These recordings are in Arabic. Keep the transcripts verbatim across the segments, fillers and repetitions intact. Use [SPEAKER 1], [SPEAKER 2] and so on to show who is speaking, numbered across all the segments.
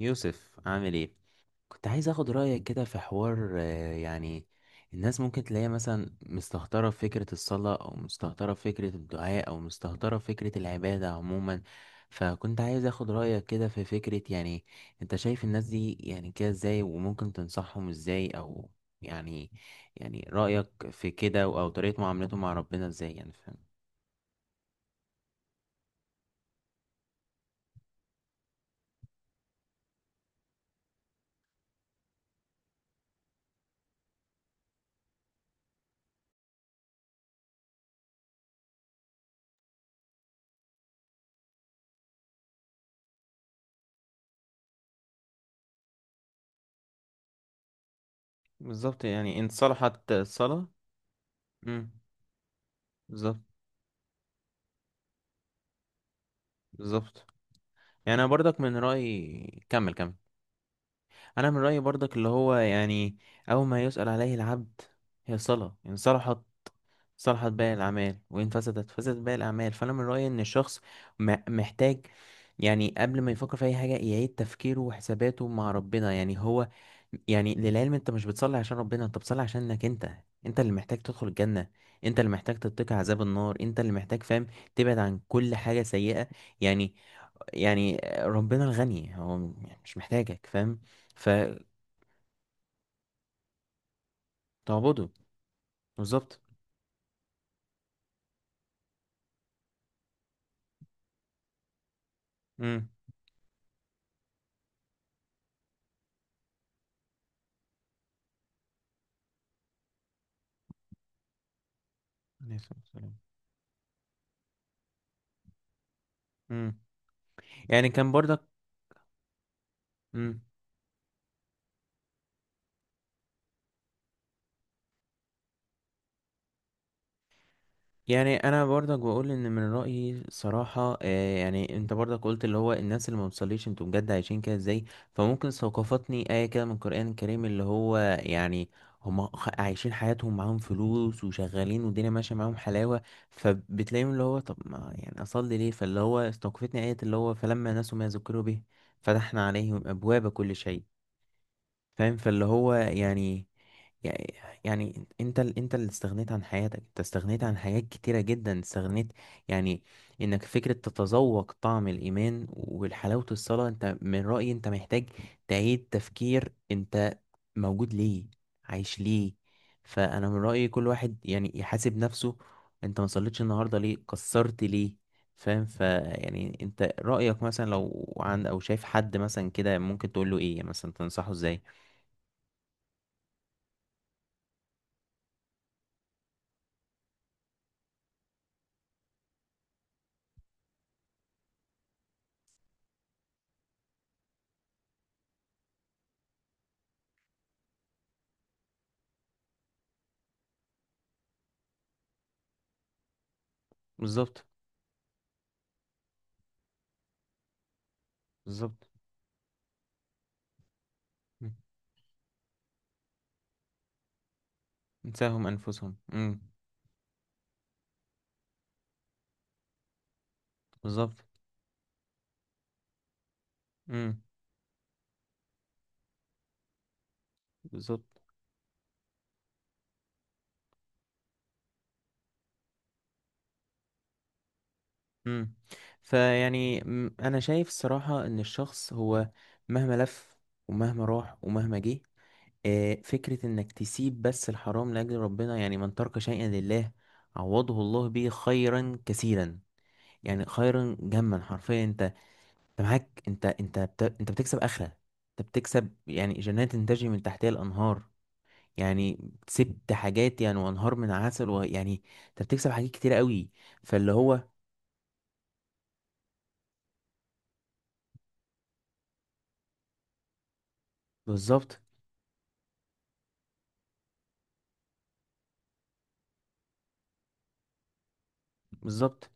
[SPEAKER 1] يوسف عامل ايه؟ كنت عايز اخد رايك كده في حوار، آه، يعني الناس ممكن تلاقيها مثلا مستهترة في فكرة الصلاة او مستهترة في فكرة الدعاء او مستهترة في فكرة العبادة عموما. فكنت عايز اخد رايك كده في فكرة، يعني انت شايف الناس دي يعني كده ازاي، وممكن تنصحهم ازاي؟ او يعني يعني رايك في كده، او طريقة معاملتهم مع ربنا ازاي، يعني فاهم؟ بالظبط، يعني إن صلحت الصلاة. مم. بالظبط. بالظبط. يعني انا برضك من رايي. كمل كمل. انا من رايي برضك، اللي هو يعني اول ما يسال عليه العبد هي صلاه، ان صلحت صلحت باقي الاعمال، وان فسدت فسدت باقي الاعمال. فانا من رايي ان الشخص م- محتاج، يعني قبل ما يفكر في اي حاجه يعيد تفكيره وحساباته مع ربنا. يعني هو، يعني للعلم، انت مش بتصلي عشان ربنا، انت بتصلي عشانك انت. انت اللي محتاج تدخل الجنة، انت اللي محتاج تتقي عذاب النار، انت اللي محتاج، فاهم، تبعد عن كل حاجة سيئة. يعني، يعني ربنا الغني، هو م- يعني مش محتاجك، فاهم، فتعبده. بالظبط. امم. عليه الصلاة والسلام. امم. يعني كان برضك. امم. يعني انا برضك بقول ان من رايي صراحه، آه، يعني انت برضك قلت اللي هو الناس اللي ما بتصليش، انتوا بجد عايشين كده ازاي؟ فممكن ثقافتني ايه كده من القران الكريم، اللي هو يعني هم عايشين حياتهم، معاهم فلوس وشغالين والدنيا ماشيه معاهم حلاوه، فبتلاقيهم اللي هو طب ما يعني اصلي ليه؟ فاللي هو استوقفتني ايه، اللي هو فلما نسوا ما ذكروا به فتحنا عليهم ابواب كل شيء. فاهم؟ فاللي هو يعني، يعني يعني انت ال- انت اللي استغنيت عن حياتك، انت استغنيت عن حاجات كتيرة جدا، استغنيت يعني انك فكرة تتذوق طعم الإيمان والحلاوة الصلاة. انت من رأيي انت محتاج تعيد تفكير، انت موجود ليه؟ عايش ليه؟ فأنا من رأيي كل واحد يعني يحاسب نفسه. انت ما صليتش النهاردة ليه؟ قصرت ليه؟ فاهم؟ فيعني انت رأيك مثلا، لو عند او شايف حد مثلا كده، ممكن تقول له ايه، يعني مثلا تنصحه ازاي؟ بالظبط. بالظبط. مم. انساهم انفسهم. امم. بالظبط. امم. بالظبط. امم. فيعني، مم، انا شايف الصراحه ان الشخص هو مهما لف ومهما راح ومهما جه، آه، فكره انك تسيب بس الحرام لاجل ربنا، يعني من ترك شيئا لله عوضه الله به خيرا كثيرا، يعني خيرا جما حرفيا. انت انت معاك، انت انت بت... انت بتكسب اخره، انت بتكسب يعني جنات تجري من تحتها الانهار، يعني كسبت حاجات يعني، وانهار من عسل، ويعني انت بتكسب حاجات كتير قوي. فاللي هو، بالظبط. بالظبط.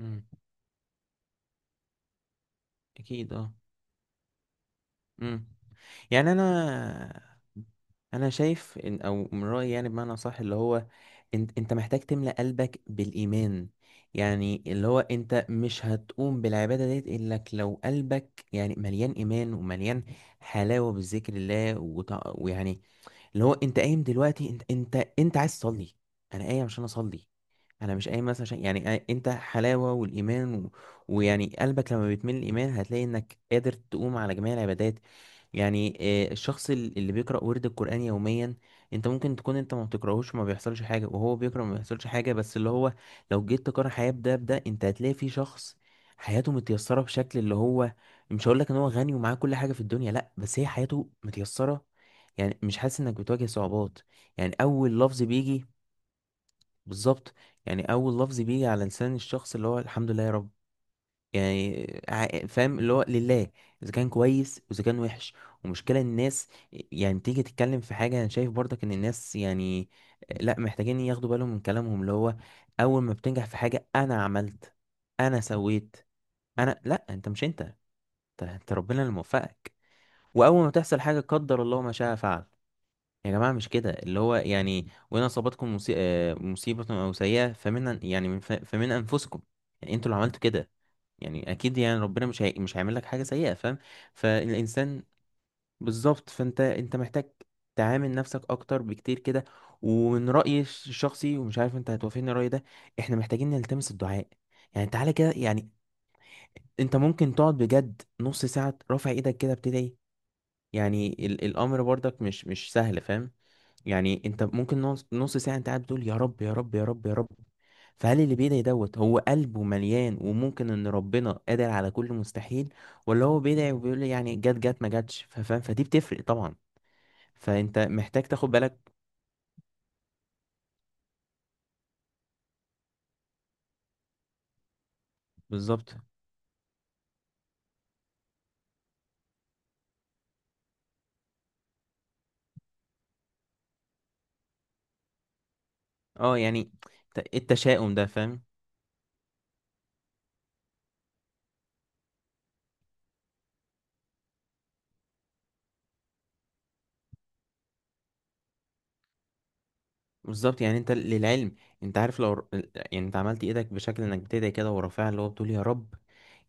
[SPEAKER 1] امم. اكيد اه. امم. يعني انا انا شايف ان، او من رايي يعني بمعنى صح، اللي هو انت انت محتاج تملأ قلبك بالايمان. يعني اللي هو، انت مش هتقوم بالعباده ديت الا لك لو قلبك يعني مليان ايمان، ومليان حلاوه بالذكر الله وتع- ويعني اللي هو، انت قايم دلوقتي، انت انت انت عايز تصلي، انا قايم عشان اصلي، انا مش قايم مثلا عشان يعني آ- انت حلاوه والايمان و... ويعني قلبك لما بيتملي الايمان هتلاقي انك قادر تقوم على جميع العبادات. يعني، آه، الشخص ال- اللي بيقرأ ورد القرآن يوميا، انت ممكن تكون انت ما بتقرأهوش ما بيحصلش حاجة، وهو بيقرأ ما بيحصلش حاجة، بس اللي هو لو جيت تقارن حياة بده بده، انت هتلاقي في شخص حياته متيسرة بشكل اللي هو، مش هقول لك ان هو غني ومعاه كل حاجة في الدنيا، لا، بس هي حياته متيسرة، يعني مش حاسس انك بتواجه صعوبات. يعني اول لفظ بيجي، بالظبط، يعني اول لفظ بيجي على لسان الشخص اللي هو، الحمد لله يا رب، يعني ع- فاهم، اللي هو لله اذا كان كويس واذا كان وحش. ومشكلة الناس، يعني تيجي تتكلم في حاجة، انا شايف برضك ان الناس يعني لا، محتاجين ياخدوا بالهم من كلامهم، اللي هو اول ما بتنجح في حاجة، انا عملت، انا سويت، انا، لا، انت، مش انت، انت أنت، ربنا اللي موفقك. واول ما تحصل حاجة، قدر الله ما شاء فعل، يا جماعة مش كده، اللي هو يعني وإن أصابتكم مصي- آه، مصيبة أو سيئة فمن، يعني من ف- فمن أنفسكم، يعني أنتوا اللي عملتوا كده، يعني أكيد، يعني ربنا مش هي... مش هيعمل لك حاجة سيئة، فاهم؟ فالإنسان، بالظبط، فأنت، أنت محتاج تعامل نفسك أكتر بكتير كده. ومن رأيي الش- الشخصي، ومش عارف أنت هتوافقني الرأي ده، إحنا محتاجين نلتمس الدعاء، يعني تعالى كده، يعني أنت ممكن تقعد بجد نص ساعة رافع إيدك كده بتدعي. يعني ال... الأمر برضك مش مش سهل، فاهم. يعني انت ممكن نص نص ساعة انت قاعد بتقول يا رب يا رب يا رب يا رب. فهل اللي بيدعي دوت، هو قلبه مليان وممكن ان ربنا قادر على كل مستحيل، ولا هو بيدعي وبيقول يعني جت جت ما جاتش، ف- فاهم، فدي بتفرق طبعا، فانت محتاج تاخد بالك. بالظبط. اه يعني الت- التشاؤم ده، فاهم. بالظبط، يعني انت للعلم، انت عارف، لو ر- يعني انت عملت ايدك بشكل انك بتدعي كده ورافعها، اللي هو بتقول يا رب.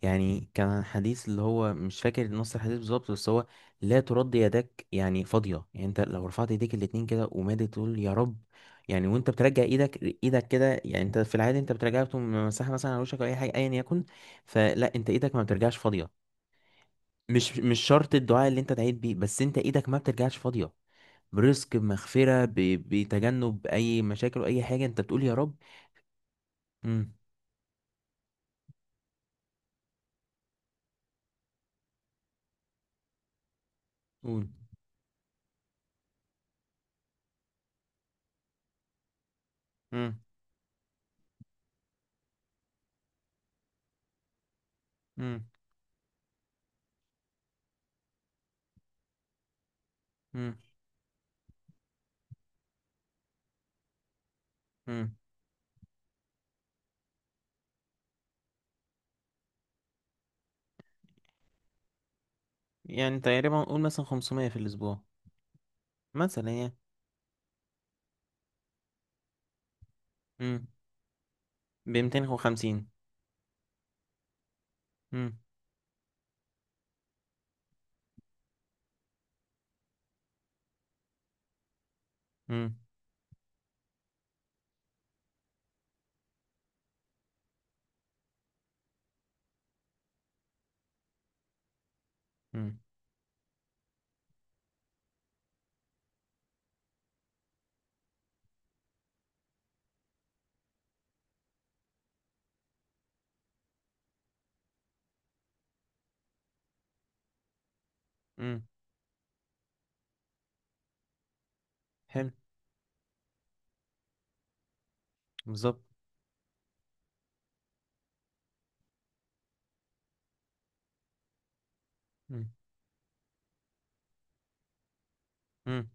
[SPEAKER 1] يعني كان حديث، اللي هو مش فاكر نص الحديث بالظبط، بس هو لا ترد يدك يعني فاضية. يعني انت لو رفعت ايديك الاتنين كده ومادي تقول يا رب، يعني وانت بترجع ايدك ايدك كده، يعني انت في العادي انت بترجعها، بتقوم مسحها مثلا على وشك او اي حاجة ايا يكن. فلا، انت ايدك ما بترجعش فاضية، مش مش شرط الدعاء اللي انت دعيت بيه، بس انت ايدك ما بترجعش فاضية، برزق، بمغفرة، ب... بتجنب أي مشاكل، وأي حاجة أنت بتقول يا رب. امم. قول. امم. امم. امم. امم. يعني تقريبا قول مثلا خمسمائة في الأسبوع مثلا يعني. امم. ب ميتين وخمسين. امم. امم. امم. امم. حلو. بالظبط. امم. إمم.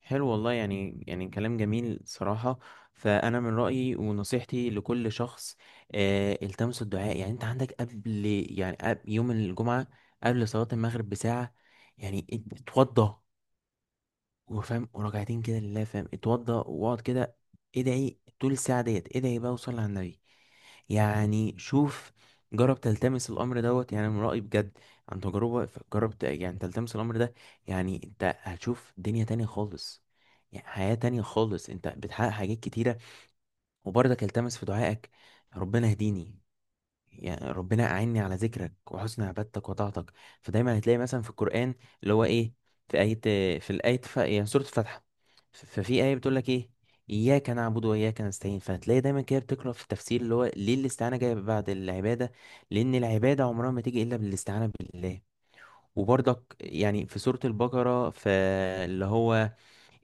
[SPEAKER 1] حلو والله، يعني يعني كلام جميل صراحة. فأنا من رأيي ونصيحتي لكل شخص، آه التمسوا الدعاء. يعني أنت عندك قبل، يعني قبل يوم الجمعة، قبل صلاة المغرب بساعة، يعني ات- اتوضى، وفاهم، وراجعتين كده لله، فاهم، اتوضى واقعد كده، ادعي طول الساعة ديت، ادعي بقى وصلي على النبي. يعني شوف، جرب تلتمس الامر دوت، يعني من رأيي، بجد عن تجربة، ف- جرب ت- يعني تلتمس الامر ده، يعني انت هتشوف دنيا تانية خالص، يعني حياة تانية خالص، انت بتحقق حاجات كتيرة. وبرضك التمس في دعائك، ربنا اهديني، يعني ربنا أعني على ذكرك وحسن عبادتك وطاعتك. فدايما هتلاقي مثلا في القرآن، اللي هو إيه، في آية، في الآية ف... يعني سورة الفاتحة، ف- ففي آية بتقول لك إيه، إياك نعبد وإياك نستعين. فهتلاقي دايما كده بتقرأ في التفسير اللي هو ليه الاستعانة جاية بعد العبادة، لأن العبادة عمرها ما تيجي إلا بالاستعانة بالله. وبرضك يعني في سورة البقرة، فاللي هو،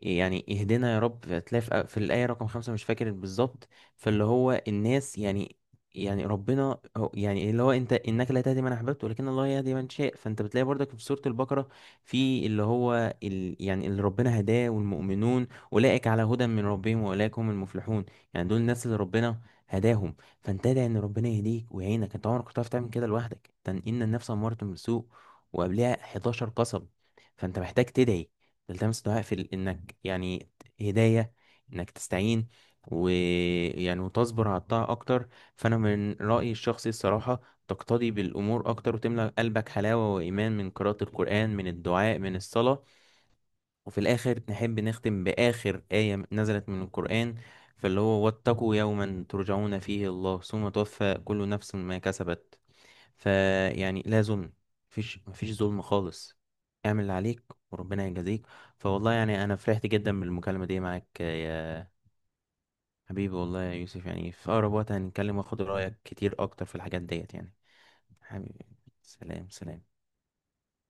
[SPEAKER 1] يعني اهدنا يا رب، هتلاقي في في الآية رقم خمسة مش فاكر بالظبط. فاللي هو الناس يعني، يعني ربنا هو- يعني اللي هو، انت انك لا تهدي من احببت ولكن الله يهدي من شاء. فانت بتلاقي برضك في سورة البقرة، في اللي هو ال يعني اللي ربنا هداه والمؤمنون، اولئك على هدى من ربهم واولئك هم المفلحون. يعني دول الناس اللي ربنا هداهم. فانت ادعي ان ربنا يهديك ويعينك، انت عمرك ما هتعرف تعمل كده لوحدك، تن- ان النفس امارة بالسوء، وقبلها احداشر قصب. فانت محتاج تدعي، تلتمس دعاء في ال- انك يعني هداية، انك تستعين، ويعني وتصبر على الطاعة اكتر. فانا من رأيي الشخصي الصراحة، تقتدي بالامور اكتر، وتملأ قلبك حلاوة وايمان من قراءة القرآن، من الدعاء، من الصلاة. وفي الاخر نحب نختم باخر آية نزلت من القرآن، فاللي هو، واتقوا يوما ترجعون فيه الله ثم توفى كل نفس ما كسبت. فيعني لا ظلم، مفيش مفيش ظلم خالص، اعمل اللي عليك وربنا يجازيك. فوالله يعني، انا فرحت جدا بالمكالمة دي معاك يا حبيبي، والله يا يوسف، يعني في اقرب وقت هنتكلم واخد رأيك كتير اكتر في الحاجات ديت يعني. حبيبي. سلام سلام.